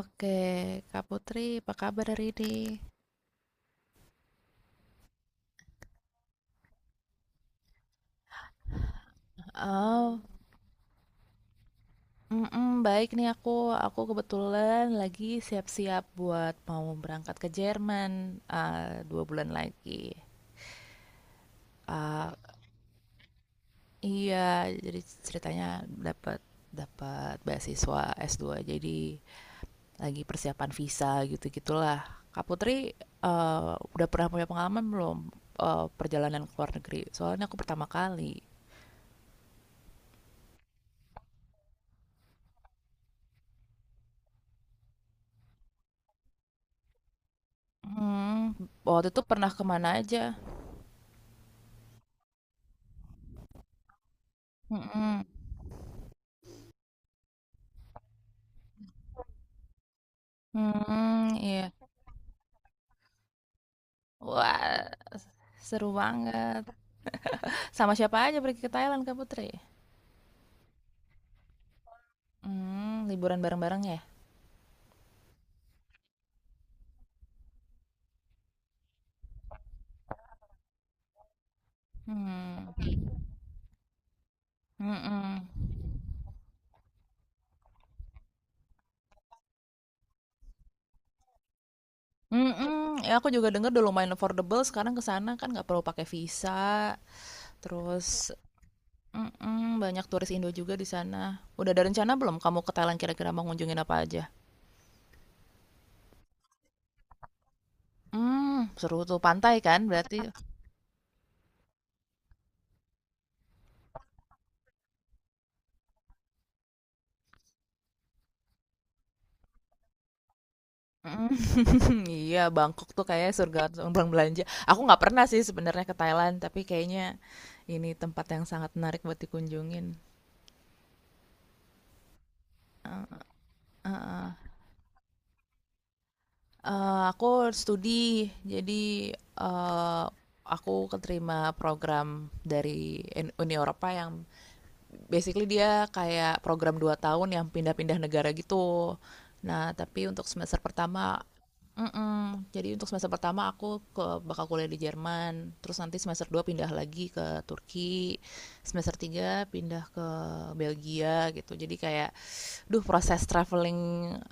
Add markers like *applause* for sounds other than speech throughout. Oke, Kak Putri, apa kabar hari ini? Oh, baik nih aku. Aku kebetulan lagi siap-siap buat mau berangkat ke Jerman dua bulan lagi. Ah, iya, jadi ceritanya dapat dapat beasiswa S2, jadi lagi persiapan visa gitu-gitulah. Kak Putri, eh, udah pernah punya pengalaman belum perjalanan ke luar negeri? Soalnya aku pertama kali. Hmm, Waktu itu pernah kemana aja? Mhm, hmm, iya. Wah, seru banget. Sama siapa aja pergi ke Thailand, Kak Putri? Liburan bareng-bareng, ya? Mmm, mhm, mhm, Ya, aku juga dengar udah lumayan affordable sekarang ke sana, kan nggak perlu pakai visa, terus mhm, banyak turis Indo juga di sana. Udah ada rencana belum kamu ke Thailand, kira-kira mau ngunjungin apa aja? Seru tuh, pantai kan berarti? Mhm. *laughs* Iya, Bangkok tuh kayaknya surga orang belanja. Aku nggak pernah sih sebenarnya ke Thailand, tapi kayaknya ini tempat yang sangat menarik buat dikunjungin. Heeh. Aku studi, jadi eh, aku keterima program dari Uni Eropa yang basically dia kayak program 2 tahun yang pindah-pindah negara gitu. Nah, tapi untuk semester pertama. Mhm, jadi untuk semester pertama aku bakal kuliah di Jerman, terus nanti semester 2 pindah lagi ke Turki, semester 3 pindah ke Belgia gitu. Jadi kayak, duh proses traveling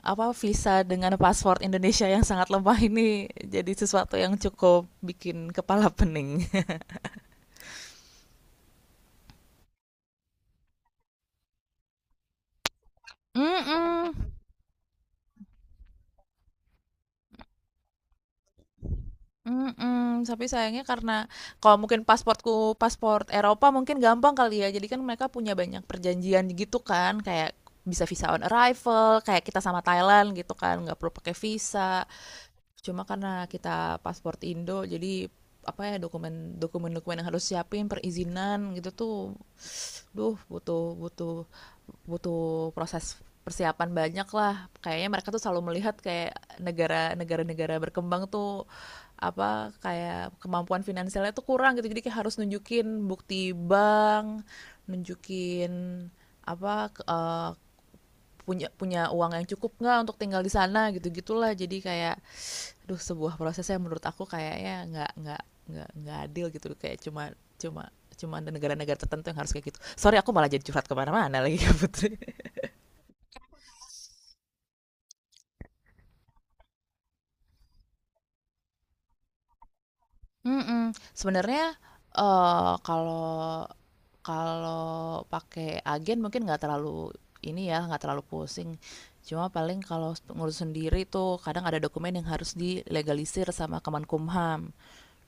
apa visa dengan paspor Indonesia yang sangat lemah ini jadi sesuatu yang cukup bikin kepala pening. *laughs* Mhm. Mhm, tapi sayangnya karena kalau mungkin pasportku paspor Eropa mungkin gampang kali ya, jadi kan mereka punya banyak perjanjian gitu kan, kayak bisa visa on arrival, kayak kita sama Thailand gitu kan, nggak perlu pakai visa. Cuma karena kita paspor Indo, jadi apa ya dokumen-dokumen yang harus siapin perizinan gitu tuh, duh butuh butuh butuh proses persiapan banyak lah. Kayaknya mereka tuh selalu melihat kayak negara-negara berkembang tuh apa kayak kemampuan finansialnya tuh kurang gitu. Jadi kayak harus nunjukin bukti bank, nunjukin apa punya punya uang yang cukup nggak untuk tinggal di sana gitu gitulah. Jadi kayak aduh sebuah prosesnya menurut aku kayaknya nggak adil gitu kayak cuma cuma cuma ada negara-negara tertentu yang harus kayak gitu. Sorry, aku malah jadi curhat kemana-mana lagi *laughs* ya, Putri. Mhm. Sebenarnya, kalau kalau pakai agen mungkin nggak terlalu ini ya, nggak terlalu pusing. Cuma paling kalau ngurus sendiri tuh kadang ada dokumen yang harus dilegalisir sama Kemenkumham.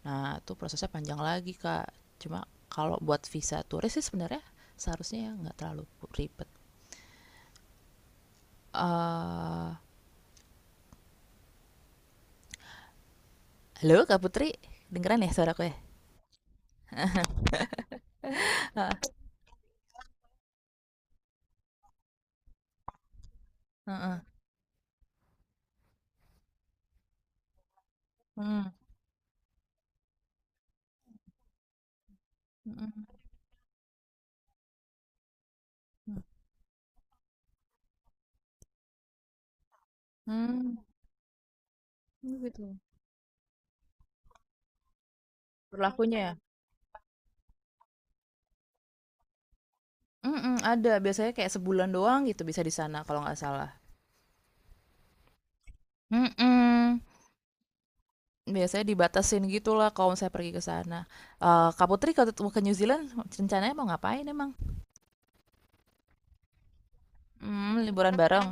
Nah, itu prosesnya panjang lagi, Kak. Cuma kalau buat visa turis sih sebenarnya seharusnya nggak terlalu ribet. Eee, Halo, Kak Putri? Kedengeran ya suaraku ya? Heeh, mhm mhm, mmm, oh gitu, berlakunya ya? Mhm, ada. Biasanya kayak sebulan doang gitu bisa di sana kalau nggak salah. Mhm, biasanya dibatasin gitulah kalau misalnya pergi ke sana. Kak Putri kalau mau ke New Zealand rencananya mau ngapain emang? Liburan bareng?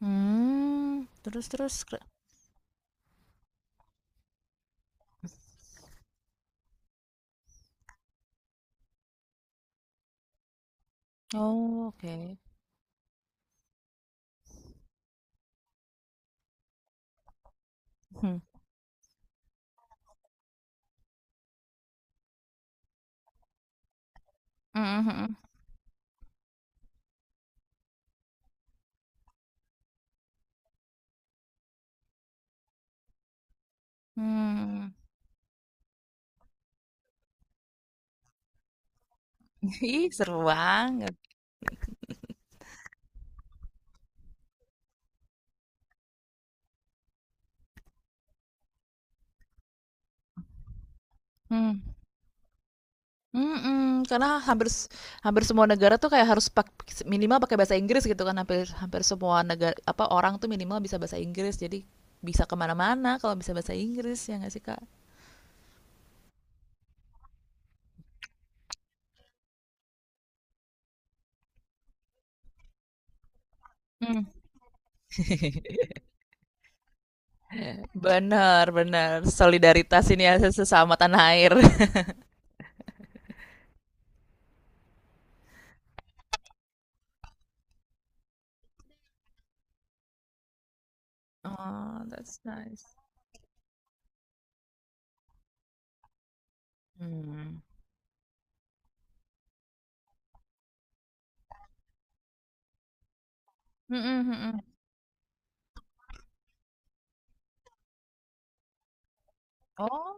Mmm, terus terus ke Oh, oke. Mhm, mhm mhm. Mmm, *laughs* ih, seru banget. Mhm. Mhm, karena hampir semua negara tuh kayak harus minimal pakai bahasa Inggris gitu kan, hampir hampir semua negara apa, orang tuh minimal bisa bahasa Inggris, jadi bisa kemana mana kalau bisa bahasa Inggris, ya nggak sih, Kak? Mmm. Bener bener, *laughs* solidaritas ini ya sesama tanah air. *laughs* Oh, that's nice. Mmm. Mhm mhm. Oh,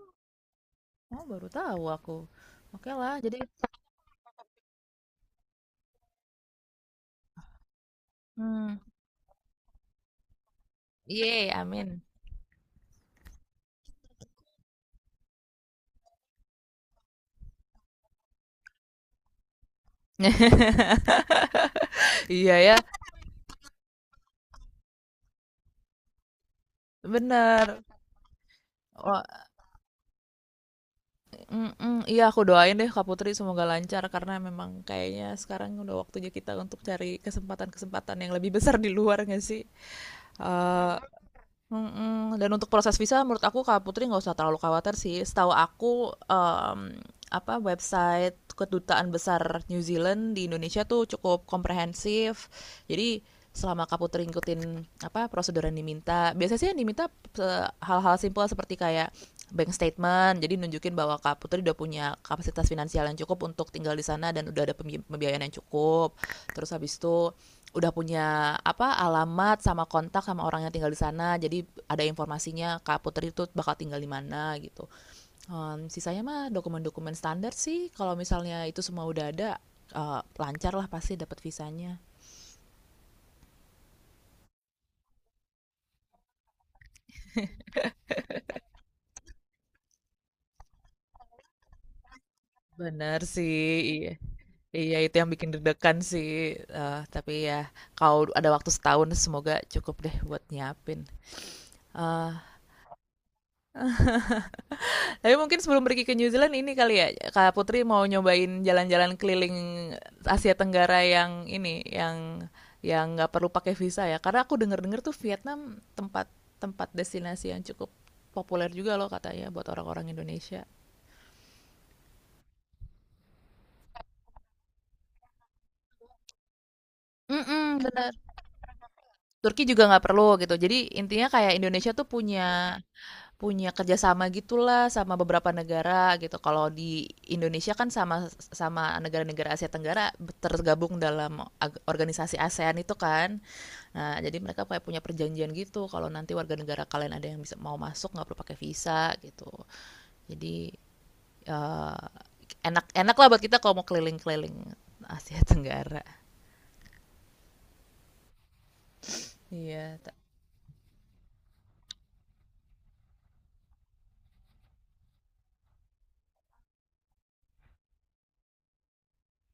oh, baru tahu aku. Oke lah, jadi mmm, yeay, amin. *laughs* Iya ya, bener. Mhm, iya aku doain deh Kak Putri semoga lancar karena memang kayaknya sekarang udah waktunya kita untuk cari kesempatan-kesempatan yang lebih besar di luar nggak sih? Eh, mm-mm. Dan untuk proses visa menurut aku Kak Putri nggak usah terlalu khawatir sih. Setahu aku apa website kedutaan besar New Zealand di Indonesia tuh cukup komprehensif. Jadi selama Kak Putri ngikutin apa prosedur yang diminta, biasanya sih yang diminta hal-hal simpel seperti kayak bank statement jadi nunjukin bahwa Kak Putri udah punya kapasitas finansial yang cukup untuk tinggal di sana dan udah ada pembiayaan yang cukup, terus habis itu udah punya apa alamat sama kontak sama orang yang tinggal di sana jadi ada informasinya Kak Putri itu bakal tinggal di mana gitu. Sisanya mah dokumen-dokumen standar sih kalau misalnya itu semua udah ada, lancar lah pasti dapat visanya. Bener sih. Iya. Iya, itu yang bikin deg-degan sih. Tapi ya, kalau ada waktu setahun, semoga cukup deh buat nyiapin. Eh, tapi mungkin sebelum pergi ke New Zealand ini kali ya, Kak Putri mau nyobain jalan-jalan keliling Asia Tenggara yang ini, yang yang nggak perlu pakai visa ya. Karena aku denger-denger tuh Vietnam tempat tempat destinasi yang cukup populer juga loh katanya buat orang-orang Indonesia. Mm-mm, benar. Turki juga nggak perlu gitu. Jadi intinya kayak Indonesia tuh punya Punya kerjasama gitulah sama beberapa negara gitu. Kalau di Indonesia kan sama sama negara-negara Asia Tenggara tergabung dalam organisasi ASEAN itu kan. Nah, jadi mereka kayak punya perjanjian gitu kalau nanti warga negara kalian ada yang bisa mau masuk nggak perlu pakai visa gitu. Jadi eh, enak-enak lah buat kita kalau mau keliling-keliling Asia Tenggara. Iya.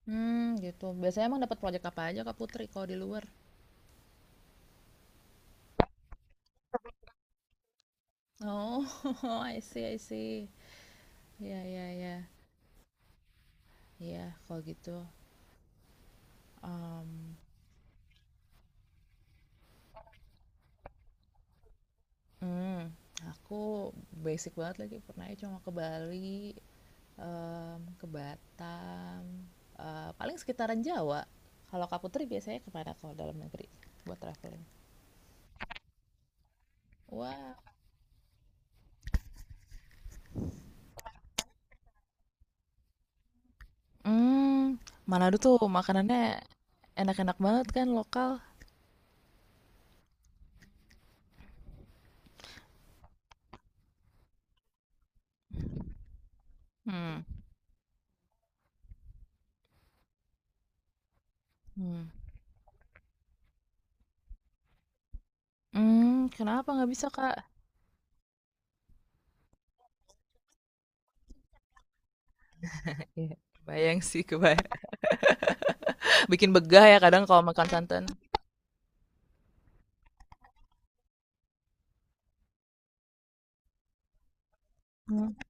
Hmm, gitu. Biasanya emang dapat proyek apa aja Kak Putri kalau di luar? Oh, *laughs* I see, I see. Ya, ya, ya. Iya, kalau gitu, mmm, mmm, aku basic banget lagi pernah ya cuma ke Bali, ke Batam, paling sekitaran Jawa. Kalau Kak Putri biasanya ke mana kalau dalam negeri buat traveling? Wah. Mmm, Manado tuh makanannya enak-enak banget kan lokal? Hmm, hmm, Kenapa nggak bisa, Kak? Iya, kebayang sih, kebayang. *laughs* Bikin begah ya kadang kalau makan santan. hmm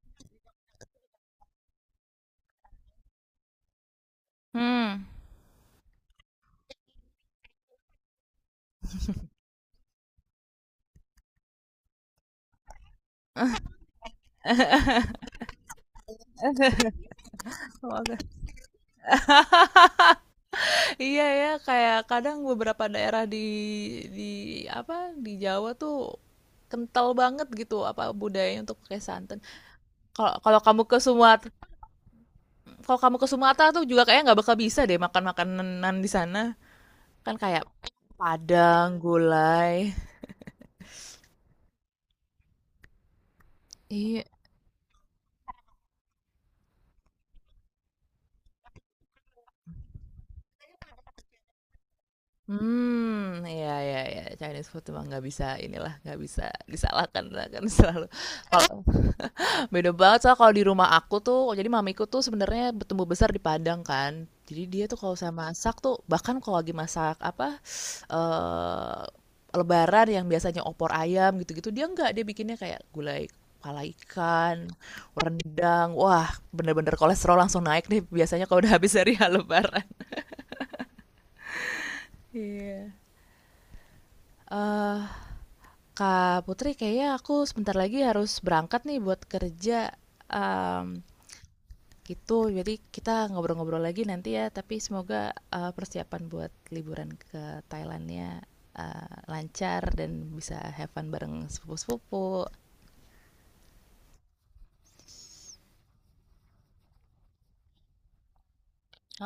mhm, kalau agak Iya ya, kayak kadang beberapa daerah di di apa di Jawa tuh kental banget gitu apa budayanya untuk pakai santan. Kalau kalau kamu ke Sumatera, kalau kamu ke Sumatera tuh juga kayak nggak bakal bisa deh makan makanan di sana. Kan kayak Padang, gulai. Iya. Iya iya iya, Chinese food emang nggak bisa inilah, nggak bisa disalahkan lah kan selalu. Beda banget soalnya kalau di rumah aku tuh, jadi mamiku tuh sebenarnya bertumbuh besar di Padang kan. Jadi dia tuh kalau saya masak tuh, bahkan kalau lagi masak apa, eee, lebaran yang biasanya opor ayam gitu-gitu, dia nggak dia bikinnya kayak gulai kepala ikan, rendang, wah bener-bener kolesterol langsung naik deh biasanya kalau udah habis dari *laughs* lebaran. Iya. Eee, Kak Putri kayaknya aku sebentar lagi harus berangkat nih buat kerja, mmm, gitu, jadi kita ngobrol-ngobrol lagi nanti ya, tapi semoga, persiapan buat liburan ke Thailandnya lancar dan bisa have fun bareng sepupu-sepupu.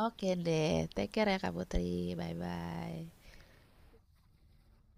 Oke deh, take care ya Kak Putri, bye-bye.